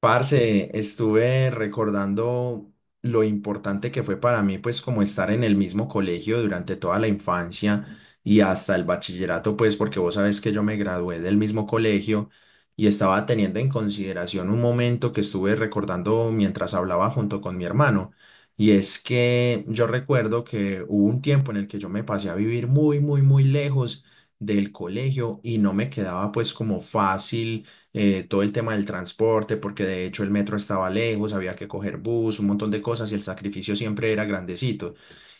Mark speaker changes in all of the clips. Speaker 1: Parce, estuve recordando lo importante que fue para mí, pues como estar en el mismo colegio durante toda la infancia y hasta el bachillerato, pues porque vos sabés que yo me gradué del mismo colegio y estaba teniendo en consideración un momento que estuve recordando mientras hablaba junto con mi hermano. Y es que yo recuerdo que hubo un tiempo en el que yo me pasé a vivir muy, muy, muy lejos del colegio y no me quedaba pues como fácil, todo el tema del transporte, porque de hecho el metro estaba lejos, había que coger bus, un montón de cosas y el sacrificio siempre era grandecito.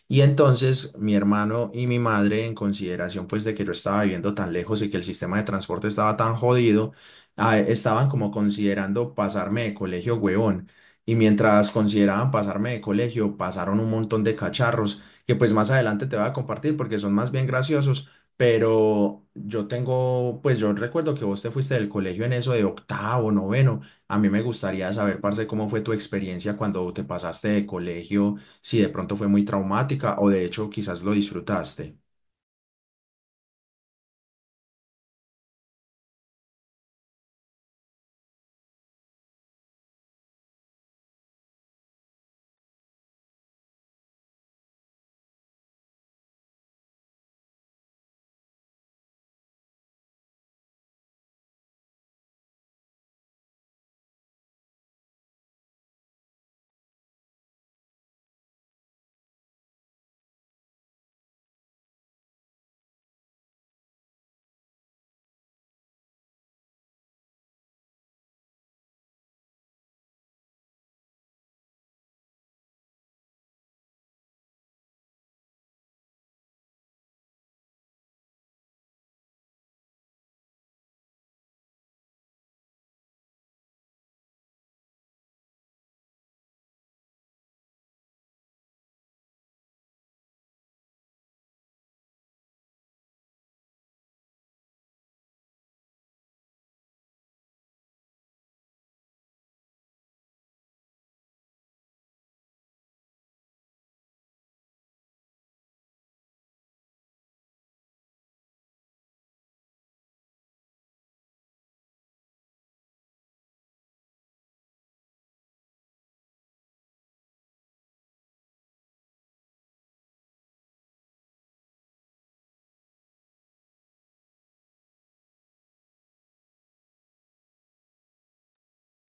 Speaker 1: Y entonces mi hermano y mi madre, en consideración pues de que yo estaba viviendo tan lejos y que el sistema de transporte estaba tan jodido, estaban como considerando pasarme de colegio, huevón. Y mientras consideraban pasarme de colegio, pasaron un montón de cacharros que pues más adelante te voy a compartir porque son más bien graciosos. Pero yo tengo, pues yo recuerdo que vos te fuiste del colegio en eso de octavo, noveno. A mí me gustaría saber, parce, cómo fue tu experiencia cuando te pasaste de colegio, si de pronto fue muy traumática o de hecho quizás lo disfrutaste.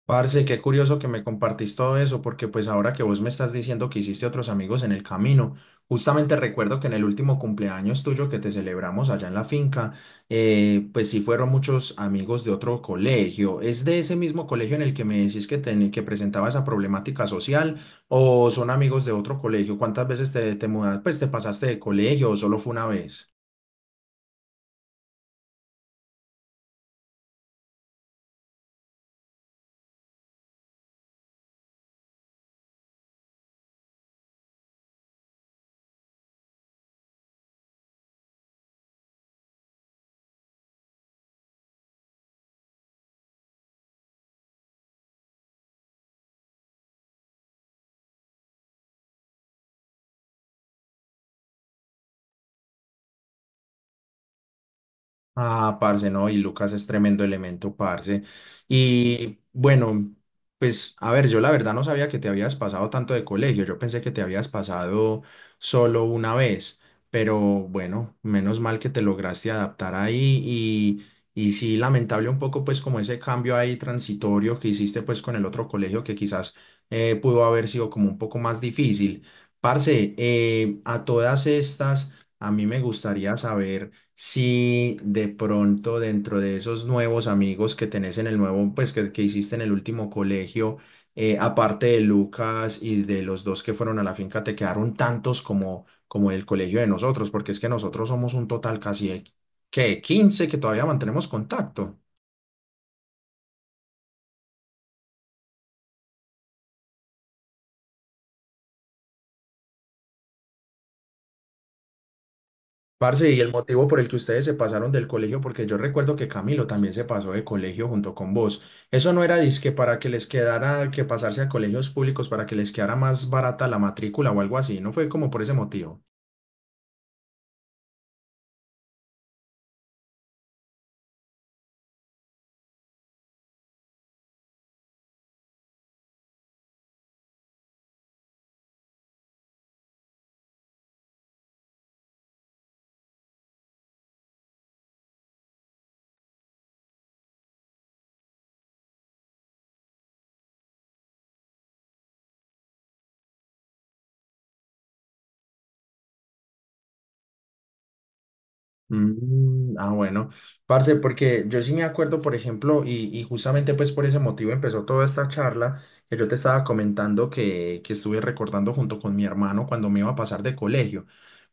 Speaker 1: Parce, qué curioso que me compartís todo eso, porque pues ahora que vos me estás diciendo que hiciste otros amigos en el camino, justamente recuerdo que en el último cumpleaños tuyo que te celebramos allá en la finca, pues sí fueron muchos amigos de otro colegio. ¿Es de ese mismo colegio en el que me decís que presentaba esa problemática social o son amigos de otro colegio? ¿Cuántas veces te mudaste, pues te pasaste de colegio o solo fue una vez? Ah, parce, no, y Lucas es tremendo elemento, parce. Y bueno, pues a ver, yo la verdad no sabía que te habías pasado tanto de colegio, yo pensé que te habías pasado solo una vez, pero bueno, menos mal que te lograste adaptar ahí y sí, lamentable un poco pues como ese cambio ahí transitorio que hiciste pues con el otro colegio que quizás pudo haber sido como un poco más difícil. Parce, a todas estas, a mí me gustaría saber si de pronto dentro de esos nuevos amigos que tenés en el nuevo, pues que hiciste en el último colegio, aparte de Lucas y de los dos que fueron a la finca, te quedaron tantos como, como el colegio de nosotros, porque es que nosotros somos un total casi que 15 que todavía mantenemos contacto. Parce, y el motivo por el que ustedes se pasaron del colegio, porque yo recuerdo que Camilo también se pasó de colegio junto con vos. Eso no era disque para que les quedara que pasarse a colegios públicos para que les quedara más barata la matrícula o algo así, no fue como por ese motivo. Mm, ah, bueno, parce, porque yo sí me acuerdo, por ejemplo, y justamente pues por ese motivo empezó toda esta charla que yo te estaba comentando que estuve recordando junto con mi hermano cuando me iba a pasar de colegio.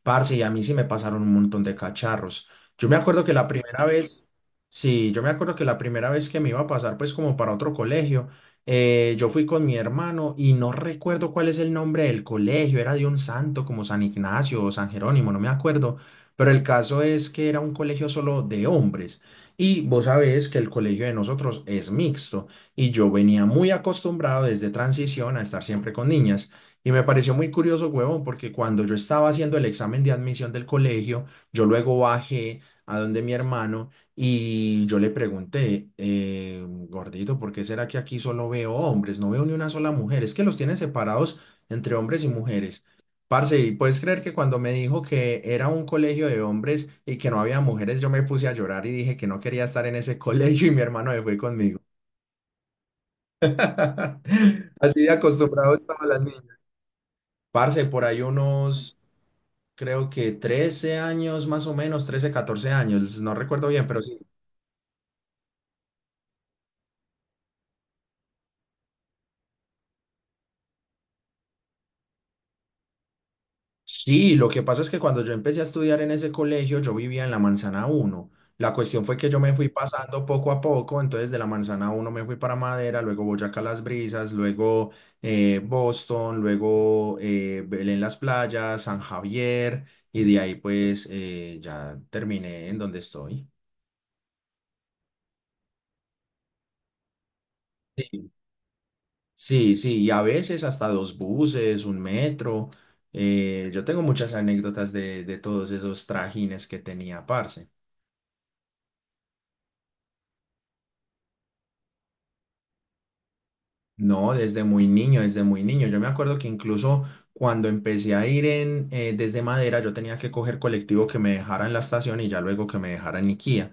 Speaker 1: Parce, y a mí sí me pasaron un montón de cacharros. Yo me acuerdo que la primera vez, sí, yo me acuerdo que la primera vez que me iba a pasar pues como para otro colegio, yo fui con mi hermano y no recuerdo cuál es el nombre del colegio, era de un santo como San Ignacio o San Jerónimo, no me acuerdo. Pero el caso es que era un colegio solo de hombres. Y vos sabés que el colegio de nosotros es mixto. Y yo venía muy acostumbrado desde transición a estar siempre con niñas. Y me pareció muy curioso, huevón, porque cuando yo estaba haciendo el examen de admisión del colegio, yo luego bajé a donde mi hermano y yo le pregunté, gordito, ¿por qué será que aquí solo veo hombres? No veo ni una sola mujer. Es que los tienen separados entre hombres y mujeres. Parce, y puedes creer que cuando me dijo que era un colegio de hombres y que no había mujeres, yo me puse a llorar y dije que no quería estar en ese colegio y mi hermano se fue conmigo. Así de acostumbrado estaban las niñas. Parce, por ahí unos, creo que 13 años más o menos, 13, 14 años, no recuerdo bien, pero sí. Sí, lo que pasa es que cuando yo empecé a estudiar en ese colegio, yo vivía en la Manzana Uno. La cuestión fue que yo me fui pasando poco a poco, entonces de la Manzana Uno me fui para Madera, luego Boyacá Las Brisas, luego Boston, luego Belén Las Playas, San Javier, y de ahí pues ya terminé en donde estoy. Sí, sí, sí, y a veces hasta dos buses, un metro. Yo tengo muchas anécdotas de todos esos trajines que tenía, parce. No, desde muy niño, desde muy niño. Yo me acuerdo que incluso cuando empecé a ir desde Madera, yo tenía que coger colectivo que me dejara en la estación y ya luego que me dejara en Niquía.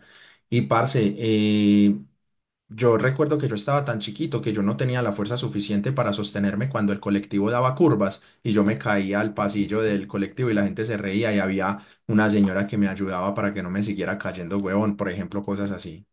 Speaker 1: Y parce, yo recuerdo que yo estaba tan chiquito que yo no tenía la fuerza suficiente para sostenerme cuando el colectivo daba curvas y yo me caía al pasillo del colectivo y la gente se reía y había una señora que me ayudaba para que no me siguiera cayendo, huevón, por ejemplo, cosas así.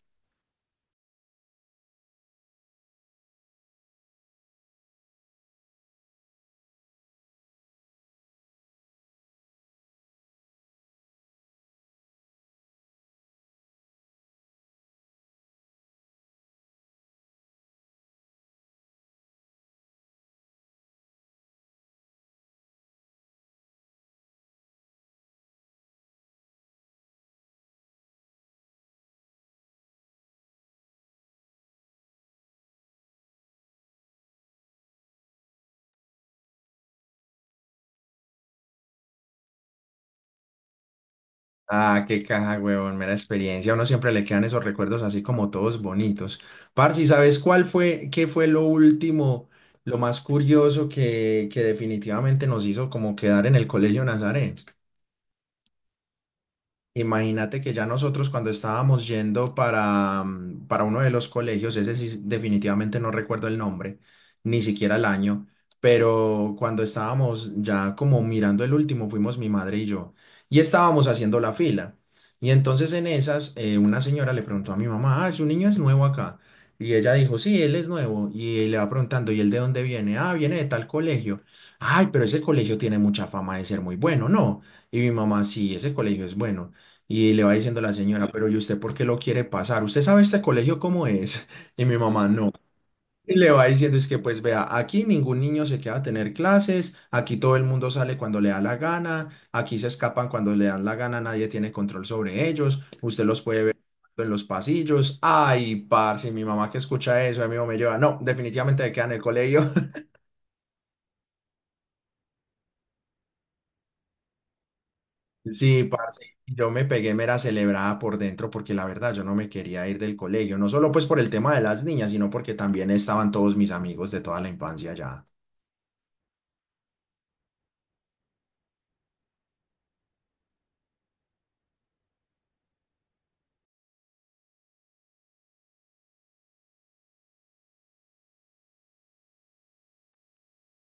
Speaker 1: Ah, qué caja, huevón, mera experiencia. A uno siempre le quedan esos recuerdos así como todos bonitos. Parce, ¿sabes qué fue lo último, lo más curioso que definitivamente nos hizo como quedar en el Colegio Nazaret? Imagínate que ya nosotros cuando estábamos yendo para uno de los colegios, ese sí definitivamente no recuerdo el nombre, ni siquiera el año, pero cuando estábamos ya como mirando el último, fuimos mi madre y yo, y estábamos haciendo la fila. Y entonces en esas, una señora le preguntó a mi mamá, ah, su niño es nuevo acá. Y ella dijo, sí, él es nuevo. Y le va preguntando, ¿y él de dónde viene? Ah, viene de tal colegio. Ay, pero ese colegio tiene mucha fama de ser muy bueno, ¿no? Y mi mamá, sí, ese colegio es bueno. Y le va diciendo la señora, pero ¿y usted por qué lo quiere pasar? ¿Usted sabe este colegio cómo es? Y mi mamá no. Y le va diciendo, es que pues vea, aquí ningún niño se queda a tener clases, aquí todo el mundo sale cuando le da la gana, aquí se escapan cuando le dan la gana, nadie tiene control sobre ellos, usted los puede ver en los pasillos. Ay, parce, mi mamá que escucha eso, a mí me lleva, no, definitivamente se queda en el colegio. Sí, parce, yo me pegué mera celebrada por dentro porque la verdad yo no me quería ir del colegio, no solo pues por el tema de las niñas, sino porque también estaban todos mis amigos de toda la infancia ya.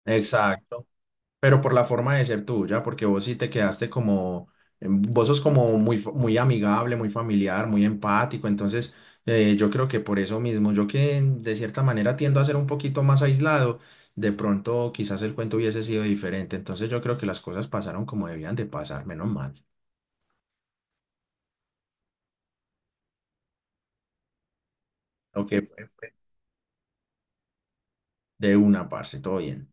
Speaker 1: Exacto, pero por la forma de ser tuya, porque vos sí te quedaste como, vos sos como muy amigable, muy familiar, muy empático, entonces yo creo que por eso mismo, yo que de cierta manera tiendo a ser un poquito más aislado, de pronto quizás el cuento hubiese sido diferente, entonces yo creo que las cosas pasaron como debían de pasar, menos mal. Ok, fue de una, parce, todo bien.